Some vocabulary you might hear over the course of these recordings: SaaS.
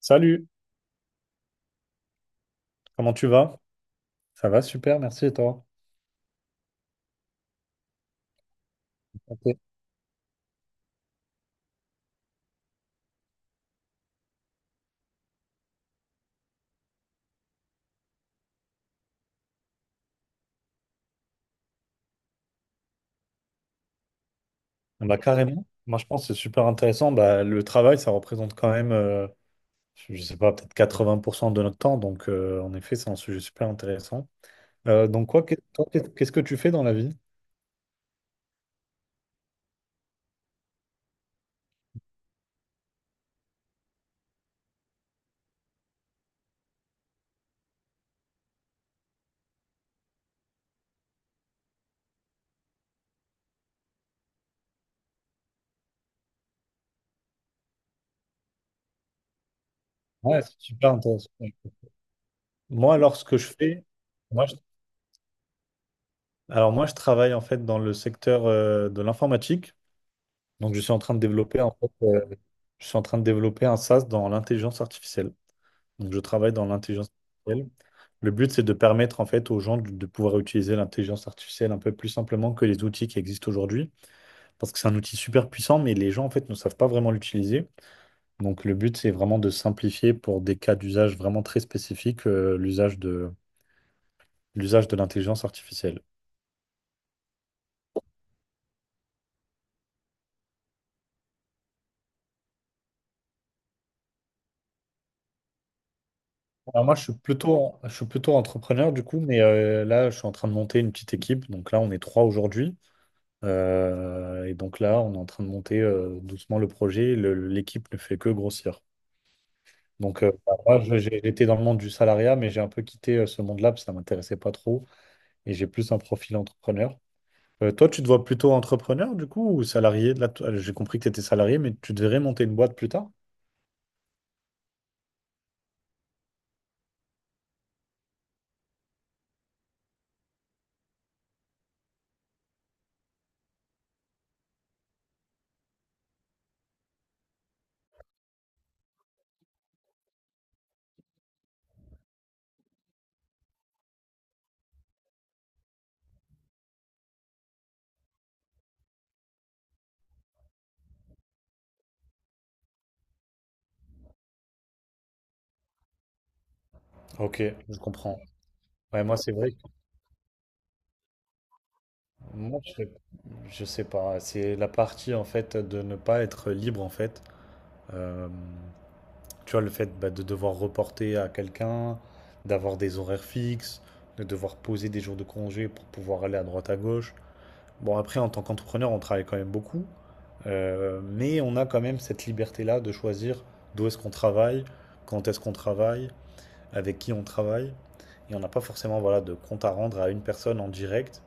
Salut, comment tu vas? Ça va, super, merci et toi? Ok. Ah bah, carrément, moi je pense que c'est super intéressant. Bah, le travail, ça représente quand même, je sais pas, peut-être 80% de notre temps. Donc en effet, c'est un sujet super intéressant. Donc quoi, toi, qu'est-ce que tu fais dans la vie? Ouais, c'est super intéressant. Moi, alors, ce que je fais, moi, je- alors moi, je travaille en fait dans le secteur de l'informatique. Donc, je suis en train de développer un SaaS dans l'intelligence artificielle. Donc, je travaille dans l'intelligence artificielle. Le but, c'est de permettre en fait aux gens de pouvoir utiliser l'intelligence artificielle un peu plus simplement que les outils qui existent aujourd'hui, parce que c'est un outil super puissant, mais les gens en fait ne savent pas vraiment l'utiliser. Donc, le but, c'est vraiment de simplifier pour des cas d'usage vraiment très spécifiques, l'usage de l'intelligence artificielle. Alors moi, je suis plutôt entrepreneur du coup, mais là, je suis en train de monter une petite équipe. Donc là, on est trois aujourd'hui. Et donc là, on est en train de monter doucement le projet. L'équipe ne fait que grossir. Donc bah, moi, j'étais dans le monde du salariat, mais j'ai un peu quitté ce monde-là parce que ça m'intéressait pas trop. Et j'ai plus un profil entrepreneur. Toi, tu te vois plutôt entrepreneur du coup ou salarié? Là, toi, j'ai compris que tu étais salarié, mais tu devrais monter une boîte plus tard. Ok, je comprends. Ouais, moi, c'est vrai. Moi, je- Je sais pas, c'est la partie en fait de ne pas être libre en fait. Euh, tu vois, le fait bah, de devoir reporter à quelqu'un, d'avoir des horaires fixes, de devoir poser des jours de congé pour pouvoir aller à droite à gauche. Bon, après, en tant qu'entrepreneur, on travaille quand même beaucoup, mais on a quand même cette liberté-là de choisir d'où est-ce qu'on travaille, quand est-ce qu'on travaille, avec qui on travaille. Et on n'a pas forcément voilà, de compte à rendre à une personne en direct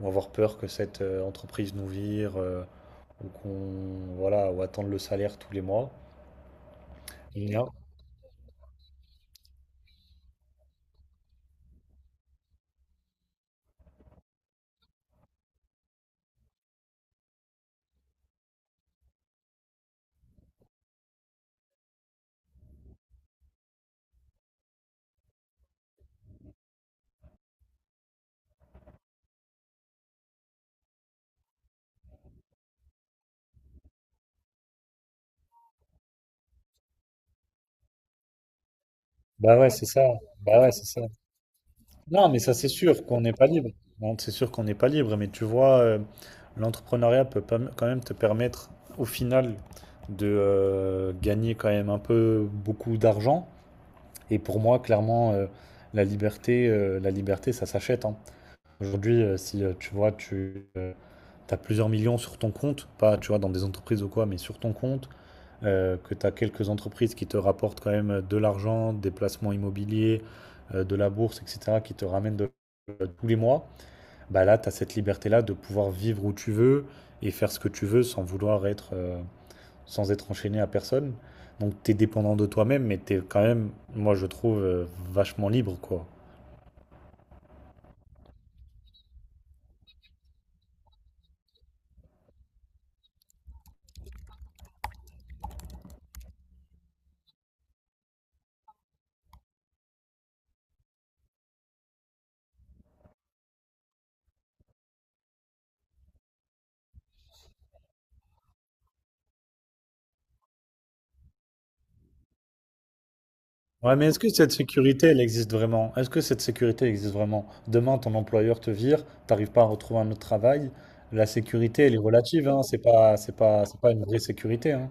ou avoir peur que cette entreprise nous vire, ou qu'on voilà ou attendre le salaire tous les mois. Et non. Bah ouais, c'est ça. Bah ouais, c'est ça. Non, mais ça c'est sûr qu'on n'est pas libre. Bon, c'est sûr qu'on n'est pas libre, mais tu vois, l'entrepreneuriat peut pas- quand même te permettre au final de gagner quand même un peu beaucoup d'argent. Et pour moi, clairement, la liberté, ça s'achète, hein. Aujourd'hui, si tu vois, tu as plusieurs millions sur ton compte, pas tu vois, dans des entreprises ou quoi, mais sur ton compte, que tu as quelques entreprises qui te rapportent quand même de l'argent, des placements immobiliers, de la bourse, etc., qui te ramènent tous les mois, bah là, tu as cette liberté-là de pouvoir vivre où tu veux et faire ce que tu veux sans être enchaîné à personne. Donc, tu es dépendant de toi-même, mais tu es quand même, moi, je trouve, vachement libre, quoi. Ouais, mais est-ce que cette sécurité, elle existe vraiment? Est-ce que cette sécurité existe vraiment? Demain, ton employeur te vire, t'arrives pas à retrouver un autre travail. La sécurité, elle est relative, hein. C'est pas une vraie sécurité, hein.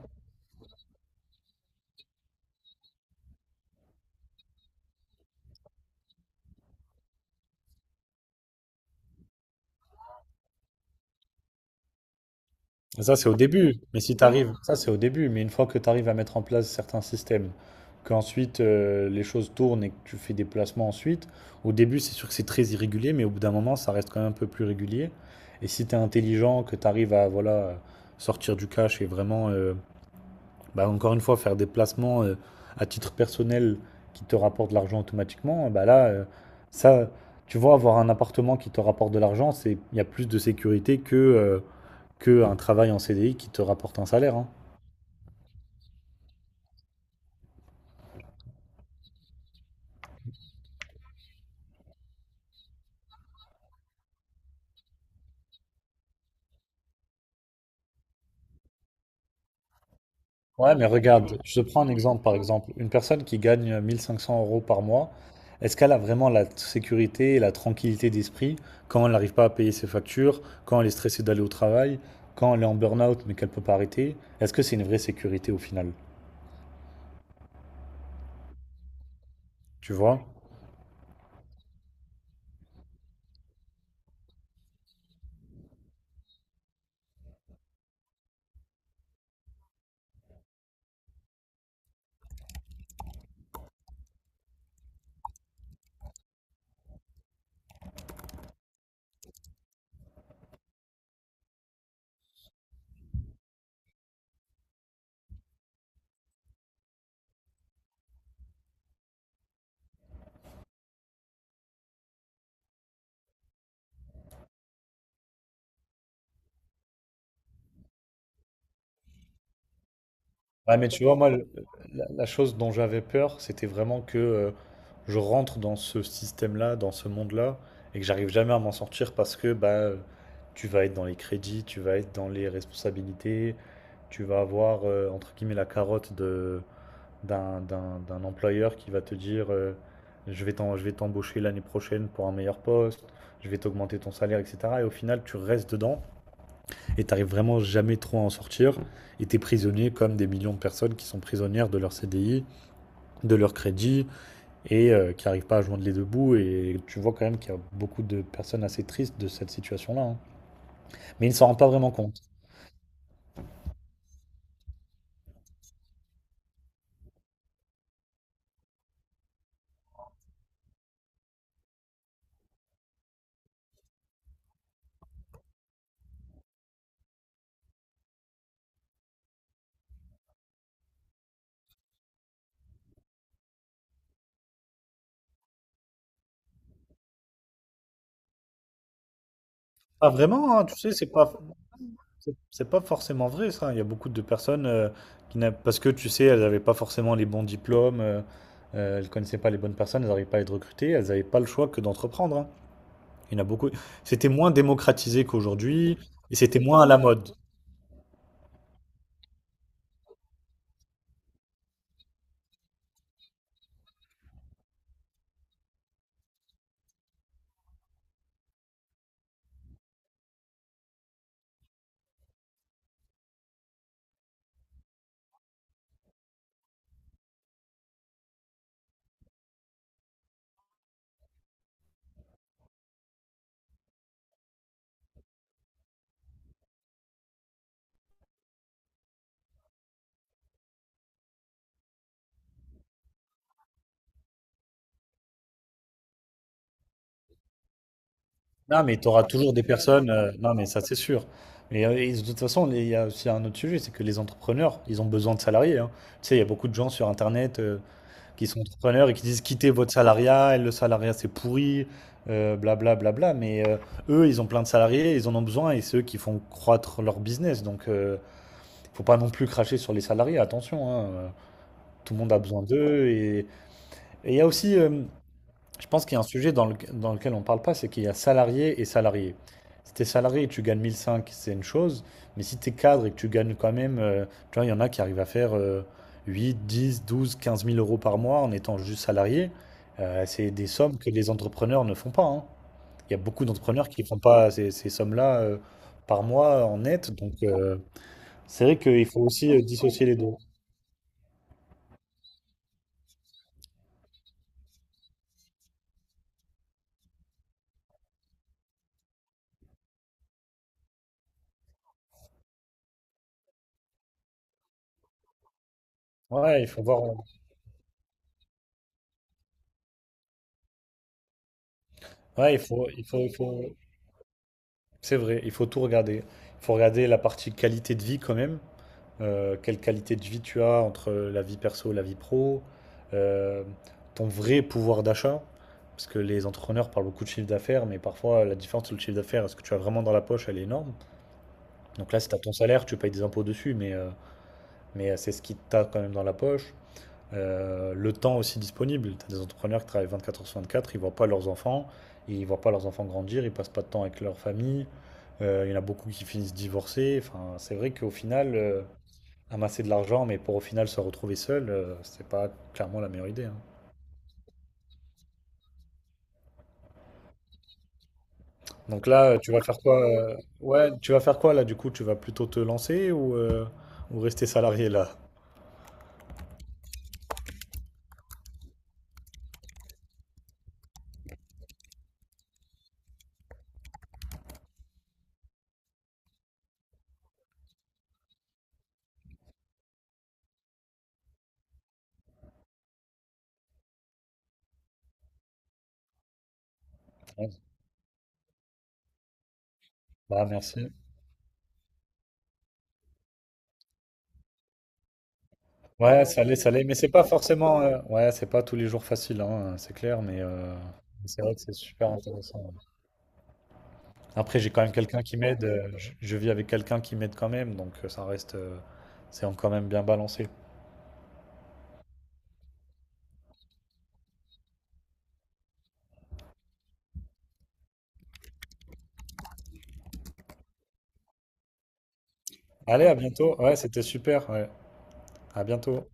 Et ça, c'est au début. Mais si t'arrives, ça, c'est au début. Mais une fois que t'arrives à mettre en place certains systèmes, qu'ensuite les choses tournent et que tu fais des placements ensuite, au début, c'est sûr que c'est très irrégulier, mais au bout d'un moment, ça reste quand même un peu plus régulier. Et si t'es intelligent, que t'arrives à, voilà, sortir du cash et vraiment, bah, encore une fois, faire des placements à titre personnel qui te rapportent de l'argent automatiquement, bah là, ça, tu vois, avoir un appartement qui te rapporte de l'argent, c'est, il y a plus de sécurité que un travail en CDI qui te rapporte un salaire, hein. Ouais, mais regarde, je te prends un exemple par exemple. Une personne qui gagne 1 500 euros par mois, est-ce qu'elle a vraiment la sécurité et la tranquillité d'esprit quand elle n'arrive pas à payer ses factures, quand elle est stressée d'aller au travail, quand elle est en burn-out mais qu'elle peut pas arrêter? Est-ce que c'est une vraie sécurité au final? Tu vois? Ouais, mais tu vois, moi, la chose dont j'avais peur, c'était vraiment que, je rentre dans ce système-là, dans ce monde-là, et que j'arrive jamais à m'en sortir parce que bah, tu vas être dans les crédits, tu vas être dans les responsabilités, tu vas avoir, entre guillemets, la carotte d'un employeur qui va te dire, je vais t'embaucher l'année prochaine pour un meilleur poste, je vais t'augmenter ton salaire, etc. Et au final, tu restes dedans, et t'arrives vraiment jamais trop à en sortir. Et t'es prisonnier comme des millions de personnes qui sont prisonnières de leur CDI, de leur crédit et qui n'arrivent pas à joindre les deux bouts. Et tu vois quand même qu'il y a beaucoup de personnes assez tristes de cette situation-là, hein. Mais ils ne s'en rendent pas vraiment compte. Pas vraiment, hein, tu sais, c'est pas forcément vrai ça. Il y a beaucoup de personnes, qui n'a- parce que tu sais, elles n'avaient pas forcément les bons diplômes, elles connaissaient pas les bonnes personnes, elles n'arrivaient pas à être recrutées, elles n'avaient pas le choix que d'entreprendre, hein. Il y en a beaucoup. C'était moins démocratisé qu'aujourd'hui et c'était moins à la mode. Non, mais tu auras toujours des personnes. Non, mais ça, c'est sûr. Mais et de toute façon, il y a aussi un autre sujet, c'est que les entrepreneurs, ils ont besoin de salariés, hein. Tu sais, il y a beaucoup de gens sur Internet qui sont entrepreneurs et qui disent quittez votre salariat, le salariat, c'est pourri, blablabla. Bla, bla, bla. Mais eux, ils ont plein de salariés, ils en ont besoin et c'est eux qui font croître leur business. Donc, faut pas non plus cracher sur les salariés, attention, hein. Tout le monde a besoin d'eux. et il y a aussi. Je pense qu'il y a un sujet dans lequel on ne parle pas, c'est qu'il y a salarié et salarié. Si tu salarié et tu gagnes 1005, c'est une chose, mais si t'es cadre et que tu gagnes quand même, tu vois, il y en a qui arrivent à faire 8, 10, 12, 15 000 euros par mois en étant juste salarié. C'est des sommes que les entrepreneurs ne font pas, hein. Il y a beaucoup d'entrepreneurs qui ne font pas ces sommes-là par mois en net, donc c'est vrai qu'il faut aussi dissocier les deux. Ouais, il faut voir. Ouais, c'est vrai, il faut tout regarder. Il faut regarder la partie qualité de vie quand même. Quelle qualité de vie tu as entre la vie perso et la vie pro. Euh, ton vrai pouvoir d'achat. Parce que les entrepreneurs parlent beaucoup de chiffre d'affaires, mais parfois la différence entre le chiffre d'affaires et ce que tu as vraiment dans la poche, elle est énorme. Donc là, si tu as ton salaire, tu payes des impôts dessus, mais c'est ce qui t'a quand même dans la poche, le temps aussi disponible. Tu as des entrepreneurs qui travaillent 24 heures sur 24. Ils ne voient pas leurs enfants, ils ne voient pas leurs enfants grandir, ils ne passent pas de temps avec leur famille. Il y en a beaucoup qui finissent divorcés. Enfin, c'est vrai qu'au final, amasser de l'argent, mais pour au final se retrouver seul, ce c'est pas clairement la meilleure idée, hein. Donc là, tu vas faire quoi? Ouais, tu vas faire quoi là? Du coup, tu vas plutôt te lancer ou rester salarié là? Ouais. Bah, merci. Ouais, ça l'est, ça l'est, mais c'est pas forcément. Ouais, c'est pas tous les jours facile, hein, c'est clair, mais c'est vrai que c'est super intéressant. Ouais. Après, j'ai quand même quelqu'un qui m'aide. Je vis avec quelqu'un qui m'aide quand même, donc ça reste. C'est quand même bien balancé. Allez, à bientôt. Ouais, c'était super. Ouais. À bientôt.